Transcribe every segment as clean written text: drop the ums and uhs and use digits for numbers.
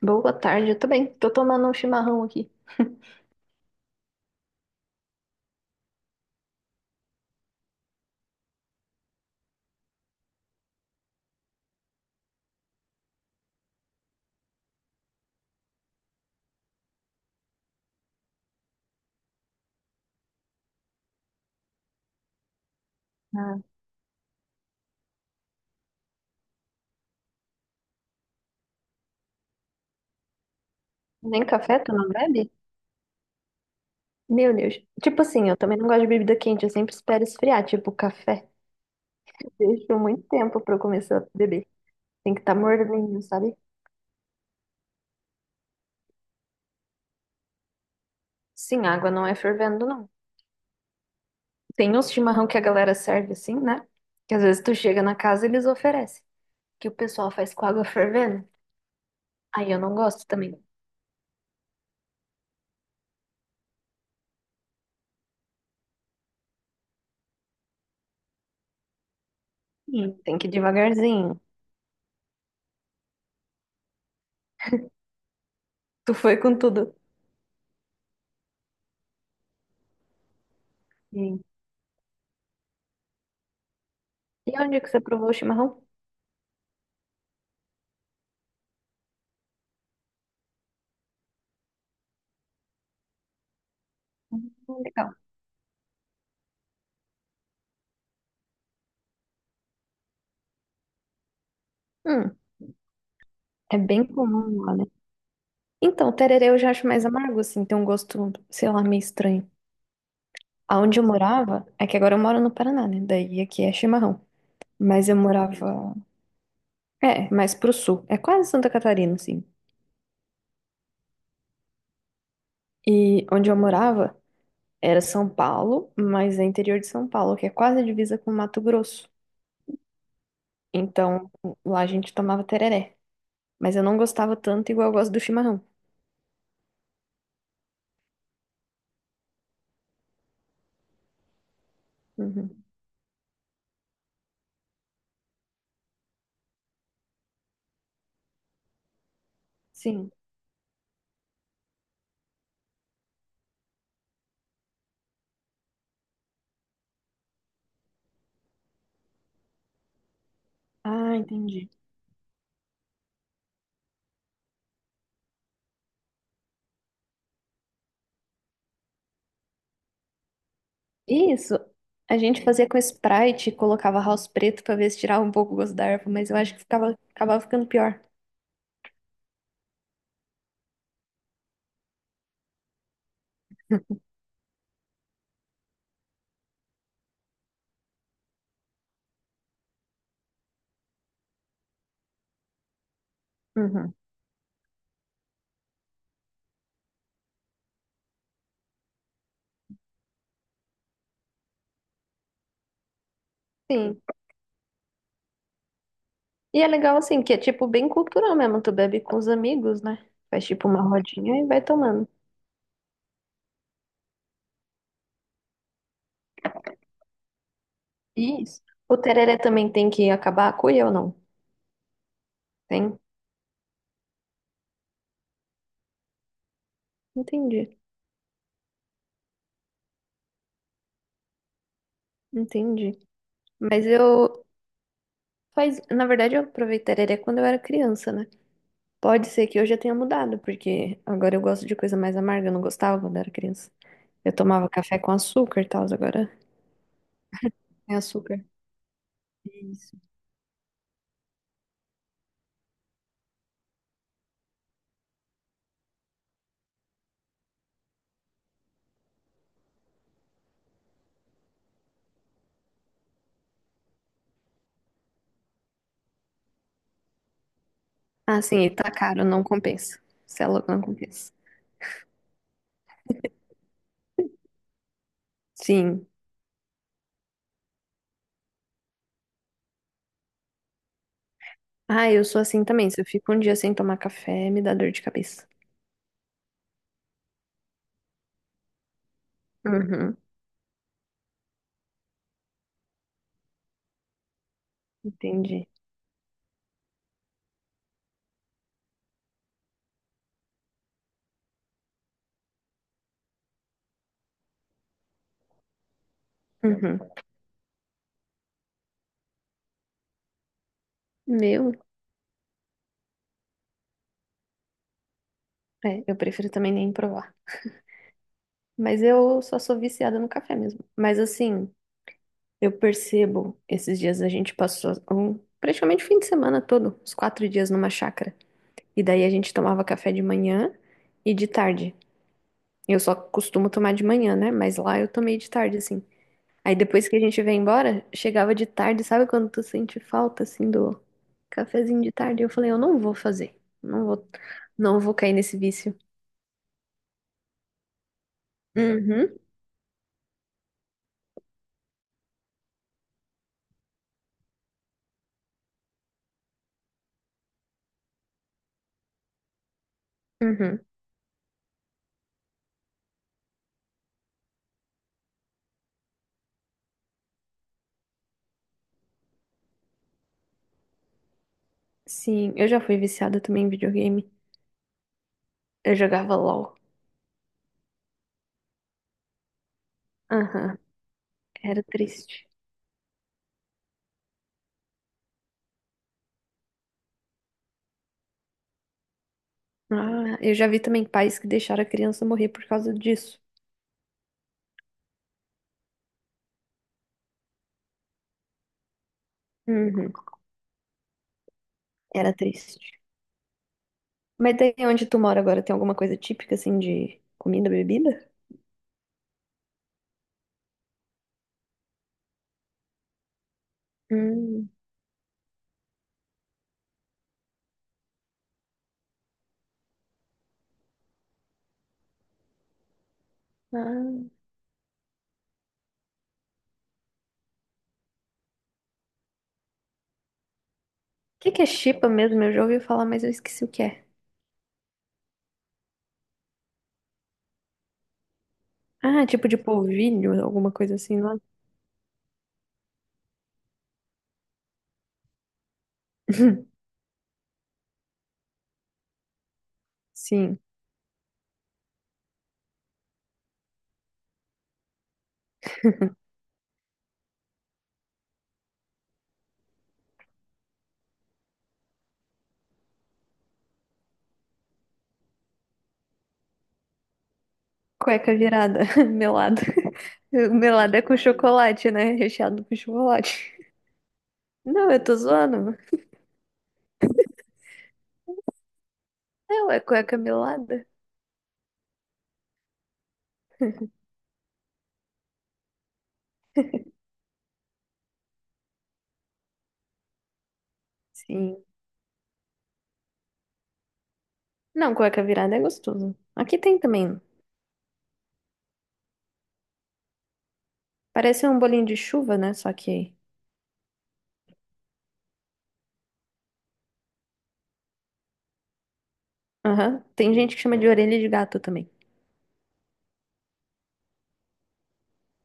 Boa tarde, eu também. Tô tomando um chimarrão aqui. Ah, nem café tu não bebe? Meu Deus. Tipo assim, eu também não gosto de bebida quente, eu sempre espero esfriar, tipo café. Deixo muito tempo pra eu começar a beber. Tem que estar tá morninho, sabe? Sim, a água não é fervendo, não. Tem uns chimarrão que a galera serve assim, né? Que às vezes tu chega na casa e eles oferecem. Que o pessoal faz com água fervendo. Aí eu não gosto também. Sim. Tem que ir devagarzinho. Tu foi com tudo. Sim. E onde que você provou o chimarrão? Hum, Legal. Hum. É bem comum, olha. Então, o tererê eu já acho mais amargo, assim, tem um gosto, sei lá, meio estranho. Aonde eu morava, é que agora eu moro no Paraná, né? Daí aqui é chimarrão. Mas eu morava, é, mais pro sul. É quase Santa Catarina, assim. E onde eu morava era São Paulo, mas é interior de São Paulo, que é quase a divisa com Mato Grosso. Então, lá a gente tomava tereré. Mas eu não gostava tanto igual eu gosto do chimarrão. Uhum. Sim. Ah, entendi. Isso, a gente fazia com Sprite e colocava house preto pra ver se tirava um pouco o gosto da erva, mas eu acho que ficava, acabava ficando pior. Uhum. Sim. E é legal assim, que é tipo bem cultural mesmo, tu bebe com os amigos, né? Faz tipo uma rodinha e vai tomando. Isso. O tereré também tem que acabar a cuia ou não? Tem? Entendi, entendi. Mas eu faz, na verdade eu provei tereré quando eu era criança, né? Pode ser que eu já tenha mudado, porque agora eu gosto de coisa mais amarga, eu não gostava quando era criança. Eu tomava café com açúcar e tal, agora é açúcar. Isso. Ah, sim, e tá caro, não compensa. Você é louco, não compensa. Sim. Ah, eu sou assim também. Se eu fico um dia sem tomar café, me dá dor de cabeça. Uhum, entendi. Uhum. Meu, é, eu prefiro também nem provar. Mas eu só sou viciada no café mesmo. Mas assim, eu percebo, esses dias a gente passou um- praticamente o fim de semana todo, os quatro dias numa chácara. E daí a gente tomava café de manhã e de tarde. Eu só costumo tomar de manhã, né? Mas lá eu tomei de tarde, assim. Aí depois que a gente veio embora, chegava de tarde, sabe quando tu sente falta, assim, do cafezinho de tarde? Eu falei, eu não vou fazer. Não vou, não vou cair nesse vício. Uhum, uhum. Sim, eu já fui viciada também em videogame. Eu jogava LOL. Aham, era triste. Ah, eu já vi também pais que deixaram a criança morrer por causa disso. Uhum, era triste. Mas daí onde tu mora agora, tem alguma coisa típica, assim, de comida, bebida? Hum, ah. O que que é chipa mesmo? Eu já ouvi falar, mas eu esqueci o que é. Ah, tipo de polvilho, alguma coisa assim, não é? Sim. Cueca virada, melado melado é com chocolate, né? Recheado com chocolate. Não, eu tô zoando. É, ué, cueca melada. Sim. Não, cueca virada é gostoso. Aqui tem também. Parece um bolinho de chuva, né? Só que. Aham. Tem gente que chama de orelha de gato também.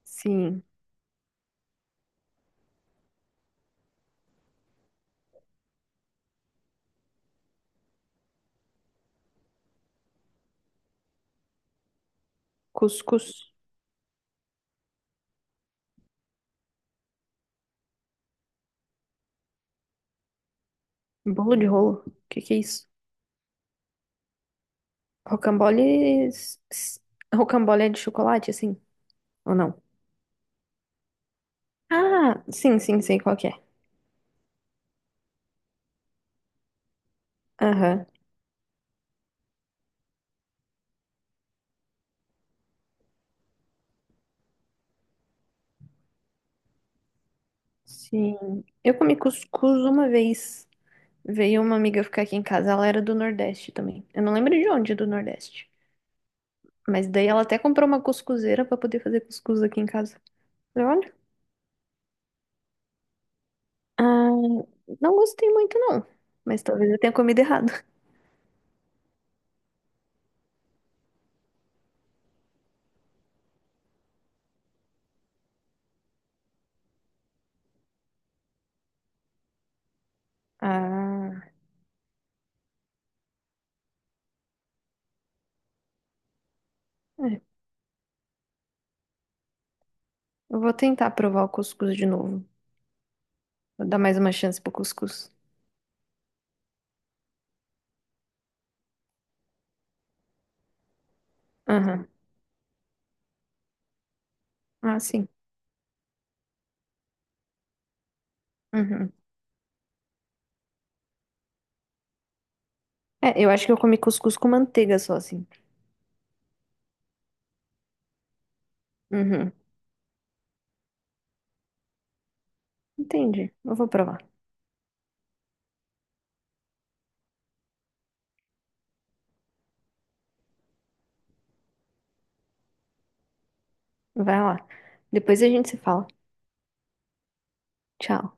Sim. Cuscuz. Bolo de rolo. O que que é isso? Rocambole. S- Rocambole é de chocolate, assim? Ou não? Ah, sim, sim, sei qual que é. Aham. Sim. Eu comi cuscuz uma vez. Veio uma amiga ficar aqui em casa, ela era do Nordeste também. Eu não lembro de onde do Nordeste. Mas daí ela até comprou uma cuscuzeira pra poder fazer cuscuz aqui em casa. Falei, olha. Ah, não gostei muito, não. Mas talvez eu tenha comido errado. Ah, é. Eu vou tentar provar o cuscuz de novo. Vou dar mais uma chance pro cuscuz. Aham. Ah, sim. Uhum. É, eu acho que eu comi cuscuz com manteiga só, assim. Uhum. Entendi. Eu vou provar. Vai lá. Depois a gente se fala. Tchau.